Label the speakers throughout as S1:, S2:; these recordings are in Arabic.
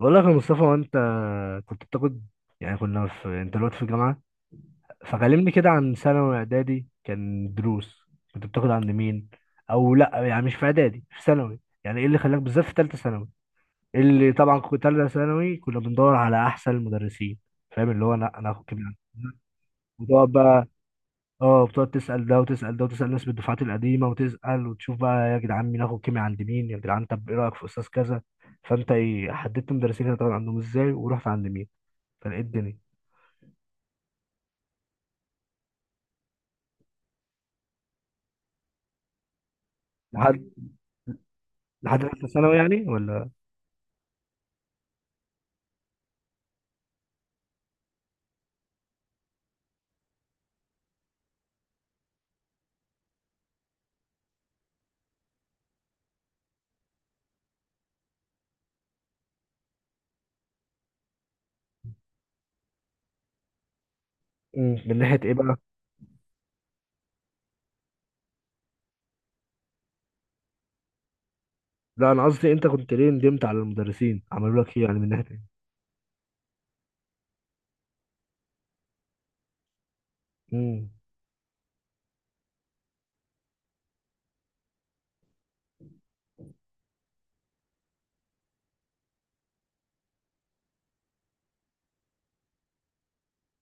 S1: بقول لك يا مصطفى، وانت كنت بتاخد، يعني كنا في، انت دلوقتي في الجامعة، فكلمني كده عن ثانوي واعدادي. كان دروس؟ كنت بتاخد عند مين؟ او لا يعني مش في اعدادي، في ثانوي. يعني ايه اللي خلاك بالذات في ثالثة ثانوي؟ إيه اللي، طبعا كنت ثالثة ثانوي كنا بندور على احسن المدرسين. فاهم؟ اللي هو انا هاخد كده وتقعد بقى. اه، بتقعد تسأل ده وتسأل ده وتسأل ناس بالدفعات القديمة وتسأل وتشوف بقى، يا جدعان مين اخد كيمياء عند مين، يا جدعان طب ايه رأيك في استاذ كذا. فانت ايه، حددت مدرسين هتقعد عندهم ازاي ورحت عند مين؟ فلقيت الدنيا. لحد، لحد ثالثه ثانوي يعني ولا؟ امم، من ناحيه ايه بقى؟ لا انا قصدي انت كنت ليه ندمت على المدرسين، عملوا لك ايه يعني؟ من ناحيه ايه؟ امم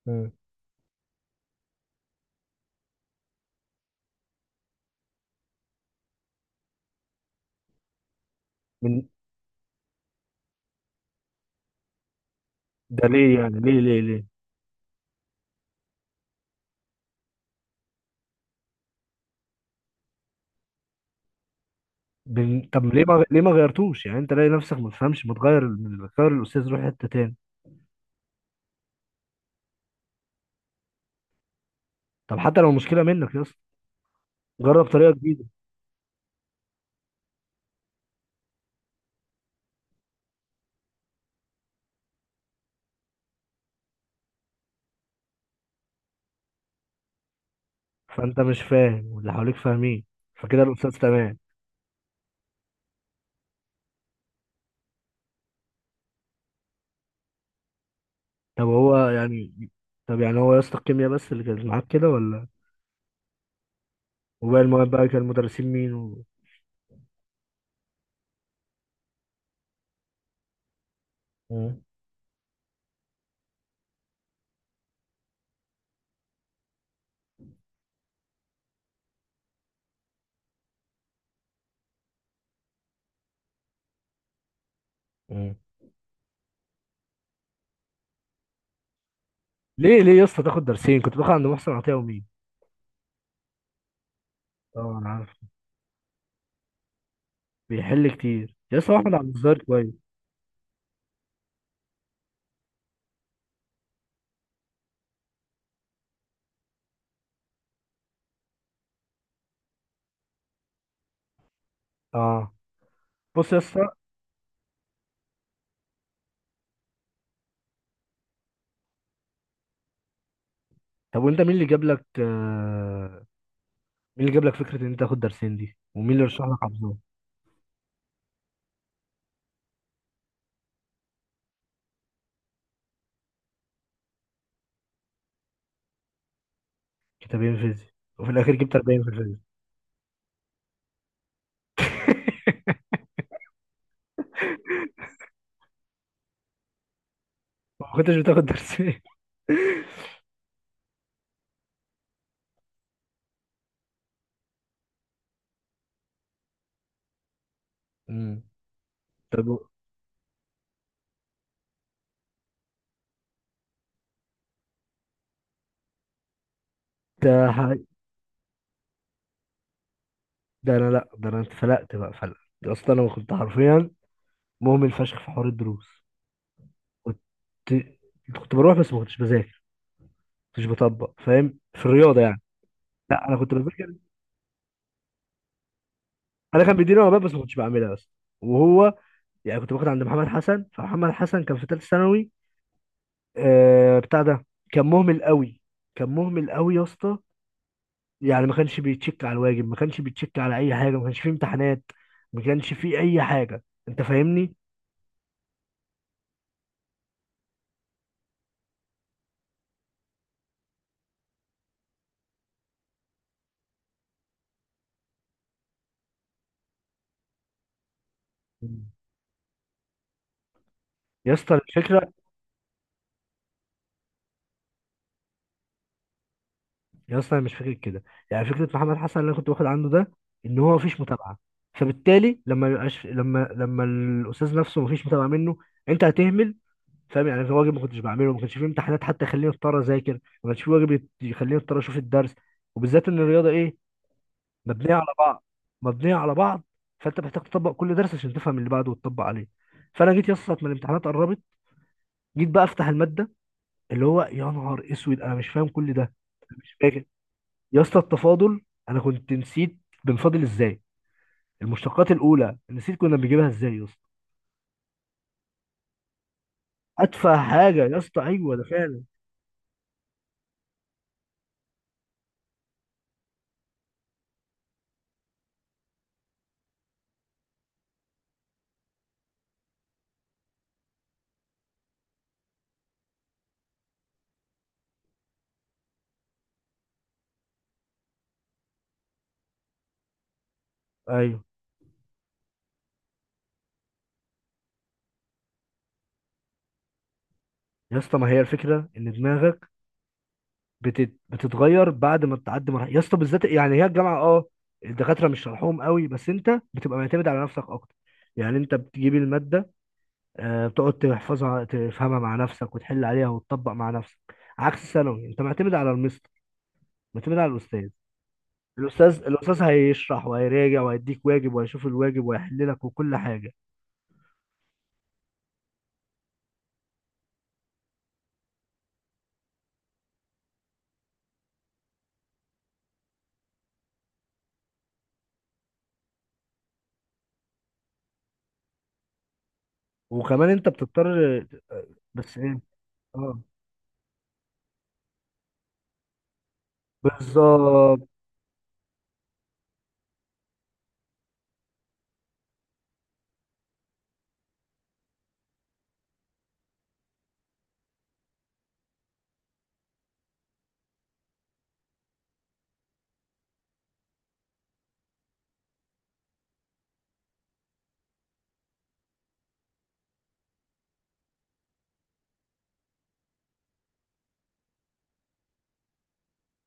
S1: امم من ده ليه يعني؟ ليه؟ طب ليه ما، ليه ما غيرتوش؟ يعني انت لاقي نفسك ما تفهمش، ما تغير الاستاذ، روح حته تاني. طب حتى لو مشكله منك يا اسطى، جرب طريقه جديده. فانت مش فاهم واللي حواليك فاهمين، فكده الاستاذ تمام. طب هو يعني، طب يعني هو يا اسطى الكيمياء بس اللي كانت معاك كده ولا وباقي المواد بقى كان المدرسين مين و... امم، ليه ليه يا اسطى تاخد درسين؟ كنت باخد عند محسن عطيه ومين؟ اه انا عارف. بيحل كتير يا اسطى احمد عبد الظاهر، كويس. اه، بص يا اسطى. طب وانت مين اللي جاب لك مين اللي جاب لك فكره ان انت تاخد درسين دي؟ ومين اللي رشح لك حفظهم؟ كتابين فيزياء؟ وفي الاخير جبت 40 في الفيزياء؟ ما كنتش بتاخد درسين. امم، طب ده ح- ده انا، لا ده انا اتفلقت بقى فلق. يا اسطى انا كنت حرفيا مهمل فشخ في حوار الدروس. كنت كنت بروح بس ما كنتش بذاكر. ما كنتش بطبق، فاهم؟ في الرياضه يعني. لا انا كنت بذاكر، انا كان بيديني وانا بس ما كنتش بعملها بس. وهو يعني كنت باخد عند محمد حسن، فمحمد حسن كان في ثالثه ثانوي، آه بتاع ده، كان مهمل قوي. كان مهمل قوي يا اسطى. يعني ما كانش بيتشك على الواجب، ما كانش بيتشك على اي حاجه، ما كانش فيه امتحانات، ما كانش فيه اي حاجه. انت فاهمني؟ مم. يا اسطى الفكره، يا اسطى انا مش فاكر كده. يعني فكره محمد حسن اللي انا كنت واخد عنده ده، ان هو مفيش متابعه. فبالتالي لما يبقاش لما لما الاستاذ نفسه مفيش متابعه منه، انت هتهمل. فاهم؟ يعني في واجب ما كنتش بعمله، ما كانش في امتحانات حتى يخليني اضطر اذاكر، ما كانش في يخليني اضطر اشوف الدرس. وبالذات ان الرياضه ايه، مبنيه على بعض، مبنيه على بعض. فانت محتاج تطبق كل درس عشان تفهم اللي بعده وتطبق عليه. فانا جيت يسطا من الامتحانات قربت، جيت بقى افتح الماده، اللي هو يا نهار اسود انا مش فاهم كل ده. أنا مش فاكر. يا اسطى التفاضل، انا كنت نسيت بنفاضل ازاي. المشتقات الاولى نسيت كنا بنجيبها ازاي يا اسطى. ادفع حاجه يا اسطى. ايوه ده فعلا. ايوه يا اسطى، ما هي الفكره ان دماغك بتتغير بعد ما بتعدي مرحله يا اسطى. بالذات يعني هي الجامعه، اه الدكاتره مش شرحهم قوي، بس انت بتبقى معتمد على نفسك اكتر. يعني انت بتجيب الماده، بتقعد تحفظها، تفهمها مع نفسك، وتحل عليها وتطبق مع نفسك. عكس ثانوي انت معتمد على المستر، معتمد على الاستاذ. الاستاذ هيشرح وهيراجع وهيديك واجب وهيشوف الواجب وهيحل لك وكل حاجه. وكمان انت بتضطر. بس ايه، اه بالظبط،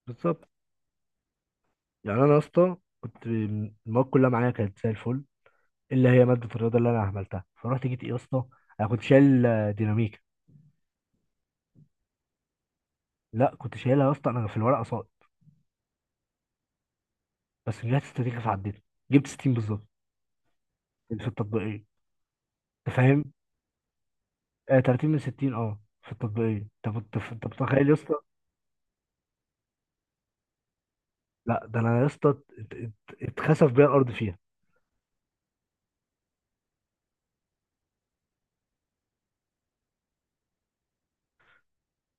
S1: بالظبط. يعني انا يا اسطى كنت المواد كلها معايا كانت زي الفل، اللي هي ماده الرياضه اللي انا عملتها، فرحت جيت ايه يا اسطى، انا كنت شايل ديناميكا. لا كنت شايلها يا اسطى، انا في الورقه صائب. بس رجعت استراتيجي فعديتها، جبت 60 بالظبط في التطبيقيه. انت فاهم؟ آه 30 من 60، اه في التطبيقيه. انت انت متخيل يا اسطى؟ لا ده انا يا اسطى ات- اتخسف بيا الارض فيها.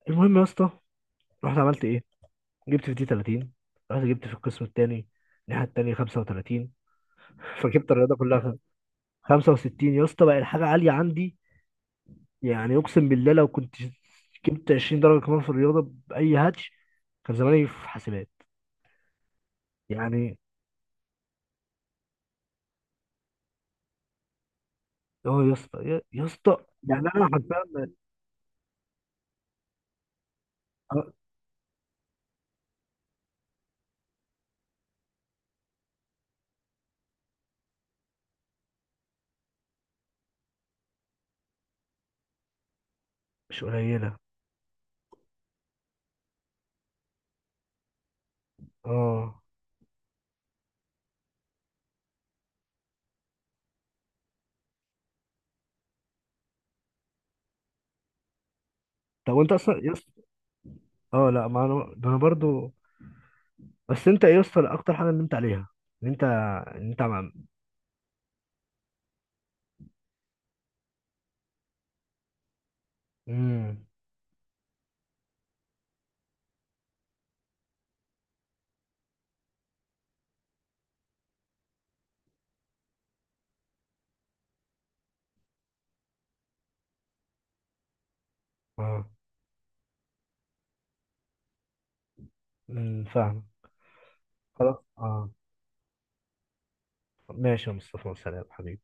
S1: المهم يا اسطى، رحت عملت ايه، جبت في دي 30، رحت جبت في القسم الثاني الناحيه الثانيه 35. فجبت الرياضه كلها 65 يا اسطى، بقى الحاجه عاليه عندي. يعني اقسم بالله لو كنت جبت 20 درجه كمان في الرياضه باي هاتش، كان زماني في حاسبات. يعني اه يا اسطى، يا اسطى، يعني انا حرفيا آه، مش قليله. اه، طب وانت اصلا يا اسطى؟ اه لا ما انا، ده انا برضو. بس انت إيه يا اسطى اكتر حاجه نمت عليها؟ ان انت، ان انت مع، امم، اه، امم، فاهم. خلاص، اه ماشي يا مصطفى، سلام حبيبي.